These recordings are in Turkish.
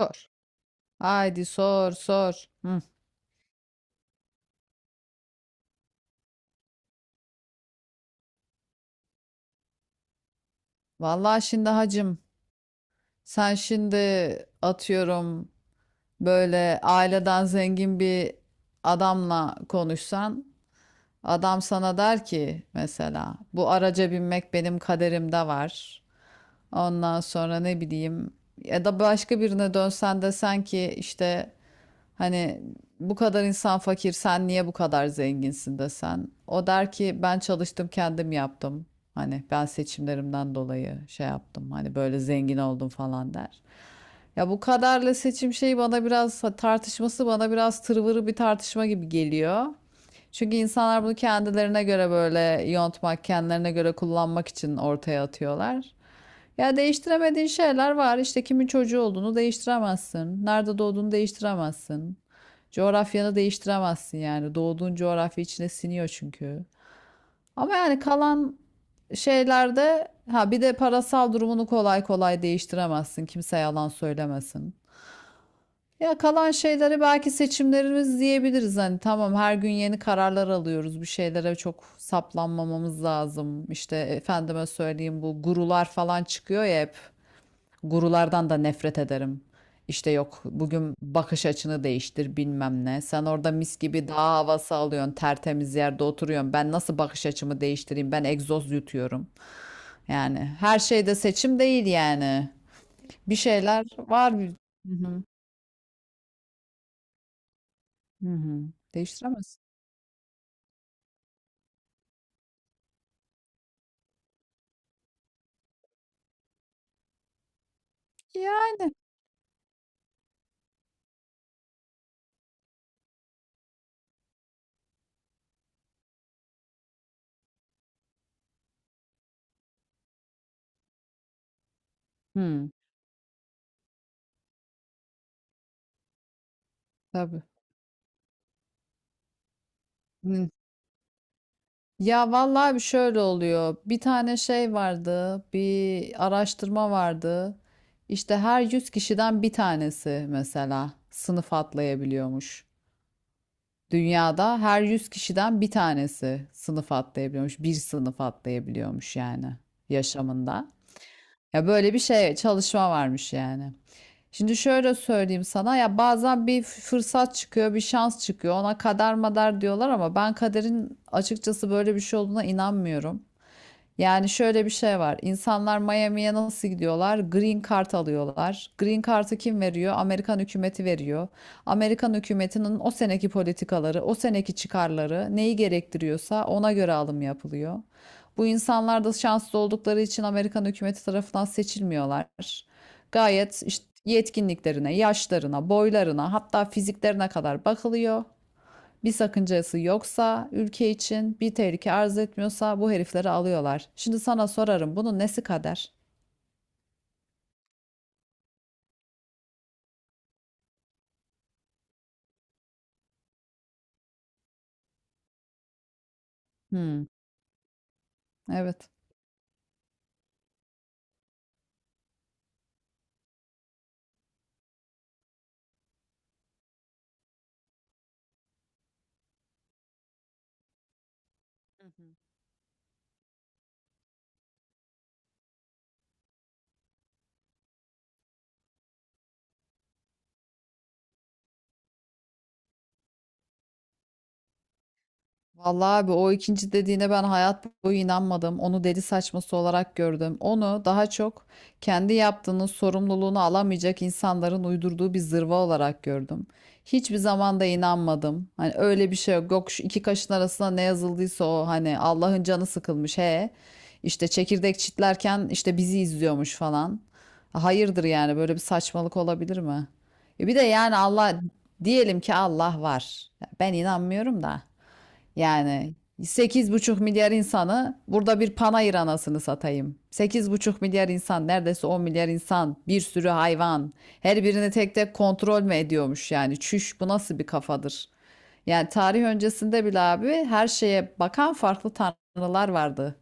Sor. Haydi sor sor. Hı. Vallahi şimdi hacım sen şimdi atıyorum böyle aileden zengin bir adamla konuşsan adam sana der ki mesela bu araca binmek benim kaderimde var. Ondan sonra ne bileyim ya da başka birine dönsen desen ki işte hani bu kadar insan fakir sen niye bu kadar zenginsin desen. O der ki ben çalıştım kendim yaptım. Hani ben seçimlerimden dolayı şey yaptım. Hani böyle zengin oldum falan der. Ya bu kadarla seçim şeyi bana biraz tartışması bana biraz tırvırı bir tartışma gibi geliyor. Çünkü insanlar bunu kendilerine göre böyle yontmak, kendilerine göre kullanmak için ortaya atıyorlar. Ya değiştiremediğin şeyler var. İşte kimin çocuğu olduğunu değiştiremezsin. Nerede doğduğunu değiştiremezsin. Coğrafyanı değiştiremezsin yani. Doğduğun coğrafya içine siniyor çünkü. Ama yani kalan şeylerde ha bir de parasal durumunu kolay kolay değiştiremezsin. Kimse yalan söylemesin. Ya kalan şeyleri belki seçimlerimiz diyebiliriz. Hani tamam her gün yeni kararlar alıyoruz. Bir şeylere çok saplanmamamız lazım. İşte efendime söyleyeyim bu gurular falan çıkıyor ya hep. Gurulardan da nefret ederim. İşte yok bugün bakış açını değiştir bilmem ne. Sen orada mis gibi dağ havası alıyorsun, tertemiz yerde oturuyorsun. Ben nasıl bakış açımı değiştireyim? Ben egzoz yutuyorum. Yani her şeyde seçim değil yani. Bir şeyler var. Hı hı. Hı hı. Değiştiremez. Yani. Hı, tabii. Hı. Ya vallahi bir şöyle oluyor. Bir tane şey vardı, bir araştırma vardı. İşte her 100 kişiden bir tanesi mesela sınıf atlayabiliyormuş. Dünyada her 100 kişiden bir tanesi sınıf atlayabiliyormuş. Bir sınıf atlayabiliyormuş yani yaşamında. Ya böyle bir şey çalışma varmış yani. Şimdi şöyle söyleyeyim sana ya bazen bir fırsat çıkıyor, bir şans çıkıyor. Ona kader madar diyorlar ama ben kaderin açıkçası böyle bir şey olduğuna inanmıyorum. Yani şöyle bir şey var. İnsanlar Miami'ye nasıl gidiyorlar? Green Card alıyorlar. Green Card'ı kim veriyor? Amerikan hükümeti veriyor. Amerikan hükümetinin o seneki politikaları, o seneki çıkarları neyi gerektiriyorsa ona göre alım yapılıyor. Bu insanlar da şanslı oldukları için Amerikan hükümeti tarafından seçilmiyorlar. Gayet işte yetkinliklerine, yaşlarına, boylarına, hatta fiziklerine kadar bakılıyor. Bir sakıncası yoksa, ülke için bir tehlike arz etmiyorsa bu herifleri alıyorlar. Şimdi sana sorarım bunun nesi kader? Hmm, evet. Vallahi abi o ikinci dediğine ben hayat boyu inanmadım. Onu deli saçması olarak gördüm. Onu daha çok kendi yaptığının sorumluluğunu alamayacak insanların uydurduğu bir zırva olarak gördüm. Hiçbir zaman da inanmadım. Hani öyle bir şey yok. Yok şu iki kaşın arasında ne yazıldıysa o hani Allah'ın canı sıkılmış he. İşte çekirdek çitlerken işte bizi izliyormuş falan. Hayırdır yani böyle bir saçmalık olabilir mi? E bir de yani Allah diyelim ki Allah var. Ben inanmıyorum da. Yani 8,5 milyar insanı burada bir panayır anasını satayım. 8,5 milyar insan, neredeyse 10 milyar insan, bir sürü hayvan. Her birini tek tek kontrol mü ediyormuş yani? Çüş bu nasıl bir kafadır? Yani tarih öncesinde bile abi her şeye bakan farklı tanrılar vardı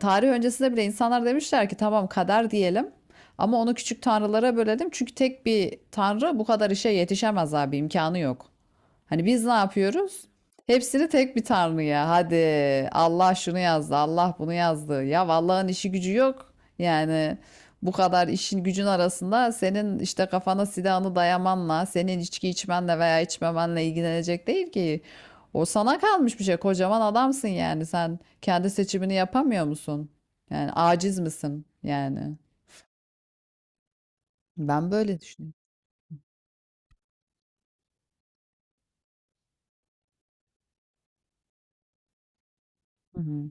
tarih öncesinde bile insanlar demişler ki tamam kader diyelim ama onu küçük tanrılara bölelim. Çünkü tek bir tanrı bu kadar işe yetişemez abi imkanı yok. Hani biz ne yapıyoruz? Hepsini tek bir tanrıya. Hadi Allah şunu yazdı, Allah bunu yazdı. Ya Allah'ın işi gücü yok. Yani bu kadar işin gücün arasında senin işte kafana silahını dayamanla, senin içki içmenle veya içmemenle ilgilenecek değil ki. O sana kalmış bir şey. Kocaman adamsın yani. Sen kendi seçimini yapamıyor musun? Yani aciz misin yani? Ben böyle düşünüyorum. Hı hı.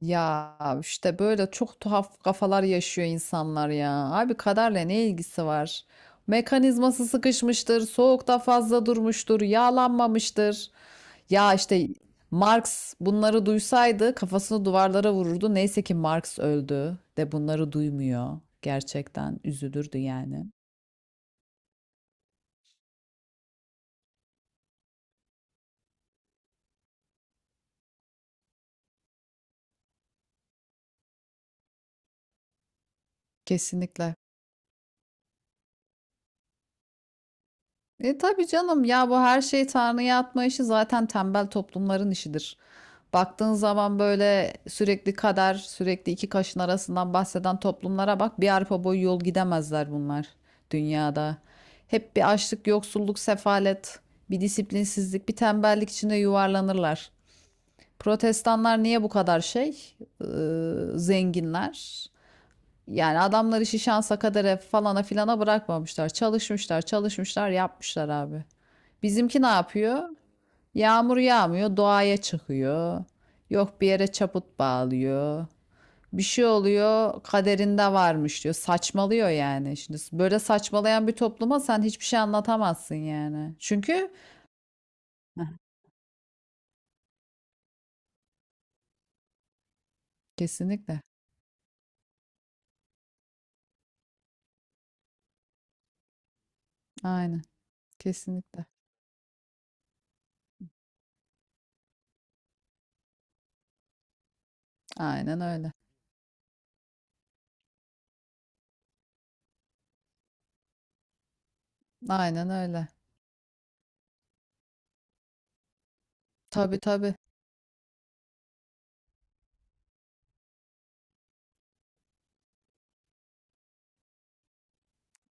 Ya işte böyle çok tuhaf kafalar yaşıyor insanlar ya. Abi kaderle ne ilgisi var? Mekanizması sıkışmıştır, soğukta fazla durmuştur, yağlanmamıştır. Ya işte Marx bunları duysaydı kafasını duvarlara vururdu. Neyse ki Marx öldü de bunları duymuyor. Gerçekten üzülürdü yani. Kesinlikle. E tabii canım ya bu her şeyi Tanrı'ya atma işi zaten tembel toplumların işidir. Baktığın zaman böyle sürekli kader, sürekli iki kaşın arasından bahseden toplumlara bak bir arpa boyu yol gidemezler bunlar dünyada. Hep bir açlık, yoksulluk, sefalet, bir disiplinsizlik, bir tembellik içinde yuvarlanırlar. Protestanlar niye bu kadar şey? Ee, zenginler. Yani adamlar işi şansa kadere falana filana bırakmamışlar. Çalışmışlar, çalışmışlar, yapmışlar abi. Bizimki ne yapıyor? Yağmur yağmıyor, doğaya çıkıyor. Yok bir yere çaput bağlıyor. Bir şey oluyor, kaderinde varmış diyor. Saçmalıyor yani. Şimdi böyle saçmalayan bir topluma sen hiçbir şey anlatamazsın yani. Çünkü Heh, kesinlikle. Aynen. Kesinlikle. Aynen öyle. Aynen öyle. Tabii tabii.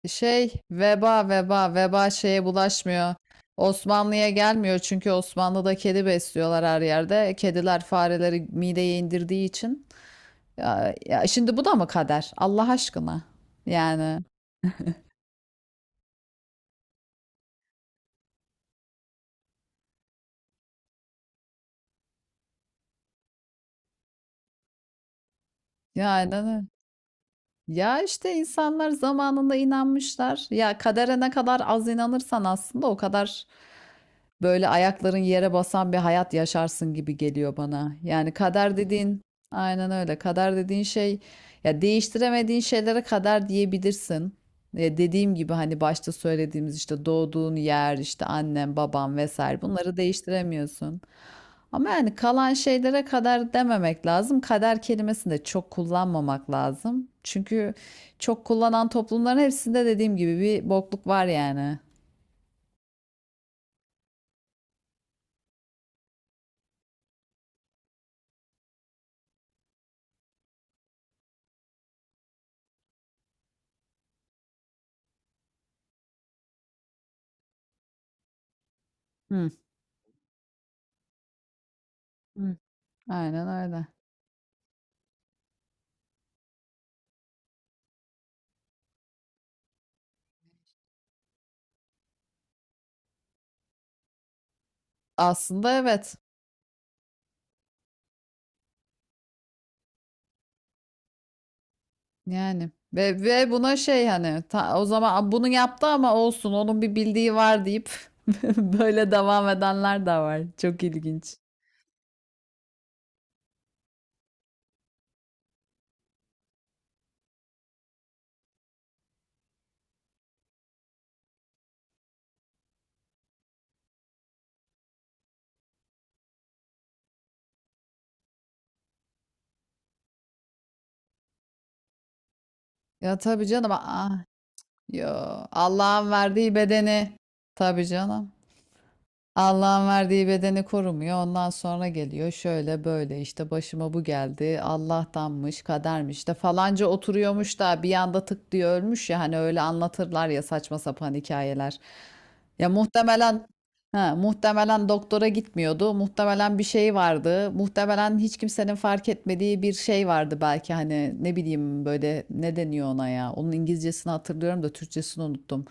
Şey veba veba veba şeye bulaşmıyor. Osmanlı'ya gelmiyor çünkü Osmanlı'da kedi besliyorlar her yerde. Kediler fareleri mideye indirdiği için. Ya, ya şimdi bu da mı kader? Allah aşkına. Yani yani yani. Ya işte insanlar zamanında inanmışlar. Ya kadere ne kadar az inanırsan aslında o kadar böyle ayakların yere basan bir hayat yaşarsın gibi geliyor bana. Yani kader dediğin aynen öyle. Kader dediğin şey ya değiştiremediğin şeylere kader diyebilirsin. E, dediğim gibi hani başta söylediğimiz işte doğduğun yer, işte annen, baban vesaire bunları değiştiremiyorsun. Ama yani kalan şeylere kader dememek lazım. Kader kelimesini de çok kullanmamak lazım. Çünkü çok kullanan toplumların hepsinde dediğim gibi bir bokluk var yani. Hı. Hı. Aynen öyle. Aslında evet. Yani ve buna şey hani o zaman bunu yaptı ama olsun onun bir bildiği var deyip böyle devam edenler de var. Çok ilginç. Ya tabii canım. Ah, yo. Allah'ın verdiği bedeni. Tabii canım. Allah'ın verdiği bedeni korumuyor. Ondan sonra geliyor şöyle böyle işte başıma bu geldi. Allah'tanmış, kadermiş de falanca oturuyormuş da bir anda tık diye ölmüş ya hani öyle anlatırlar ya saçma sapan hikayeler. Ya muhtemelen doktora gitmiyordu. Muhtemelen bir şey vardı. Muhtemelen hiç kimsenin fark etmediği bir şey vardı belki hani ne bileyim böyle ne deniyor ona ya. Onun İngilizcesini hatırlıyorum da Türkçesini unuttum.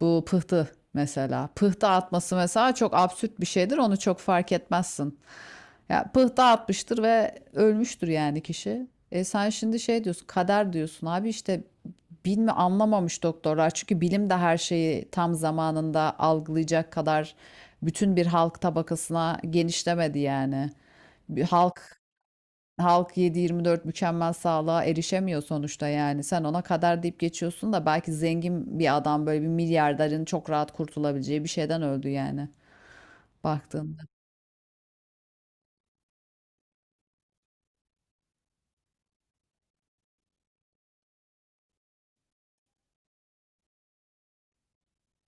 Bu pıhtı mesela. Pıhtı atması mesela çok absürt bir şeydir. Onu çok fark etmezsin. Ya pıhtı atmıştır ve ölmüştür yani kişi. E sen şimdi şey diyorsun, kader diyorsun. Abi işte anlamamış doktorlar. Çünkü bilim de her şeyi tam zamanında algılayacak kadar bütün bir halk tabakasına genişlemedi yani. Bir halk 7/24 mükemmel sağlığa erişemiyor sonuçta yani. Sen ona kadar deyip geçiyorsun da belki zengin bir adam böyle bir milyarderin çok rahat kurtulabileceği bir şeyden öldü yani baktığında.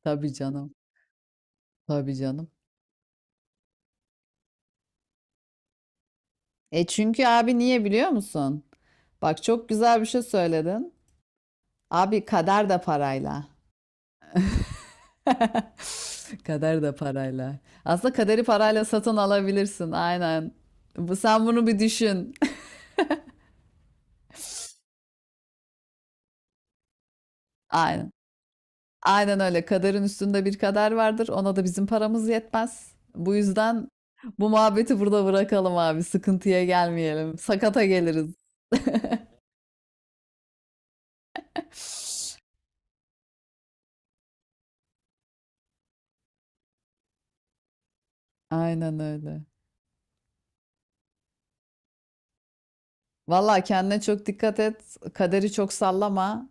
Tabii canım. Tabii canım. E çünkü abi niye biliyor musun? Bak çok güzel bir şey söyledin. Abi kader de parayla. Kader de parayla. Aslında kaderi parayla satın alabilirsin. Aynen. Bu sen bunu bir düşün. Aynen. Aynen öyle. Kaderin üstünde bir kader vardır. Ona da bizim paramız yetmez. Bu yüzden bu muhabbeti burada bırakalım abi. Sıkıntıya gelmeyelim. Sakata geliriz. Aynen öyle. Valla kendine çok dikkat et. Kaderi çok sallama.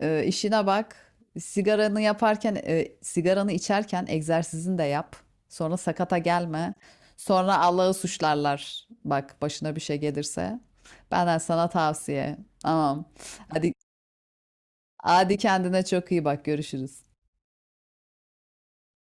İşine bak. Sigaranı yaparken, sigaranı içerken egzersizini de yap. Sonra sakata gelme. Sonra Allah'ı suçlarlar. Bak başına bir şey gelirse. Benden sana tavsiye. Tamam. Hadi Hadi kendine çok iyi bak. Görüşürüz.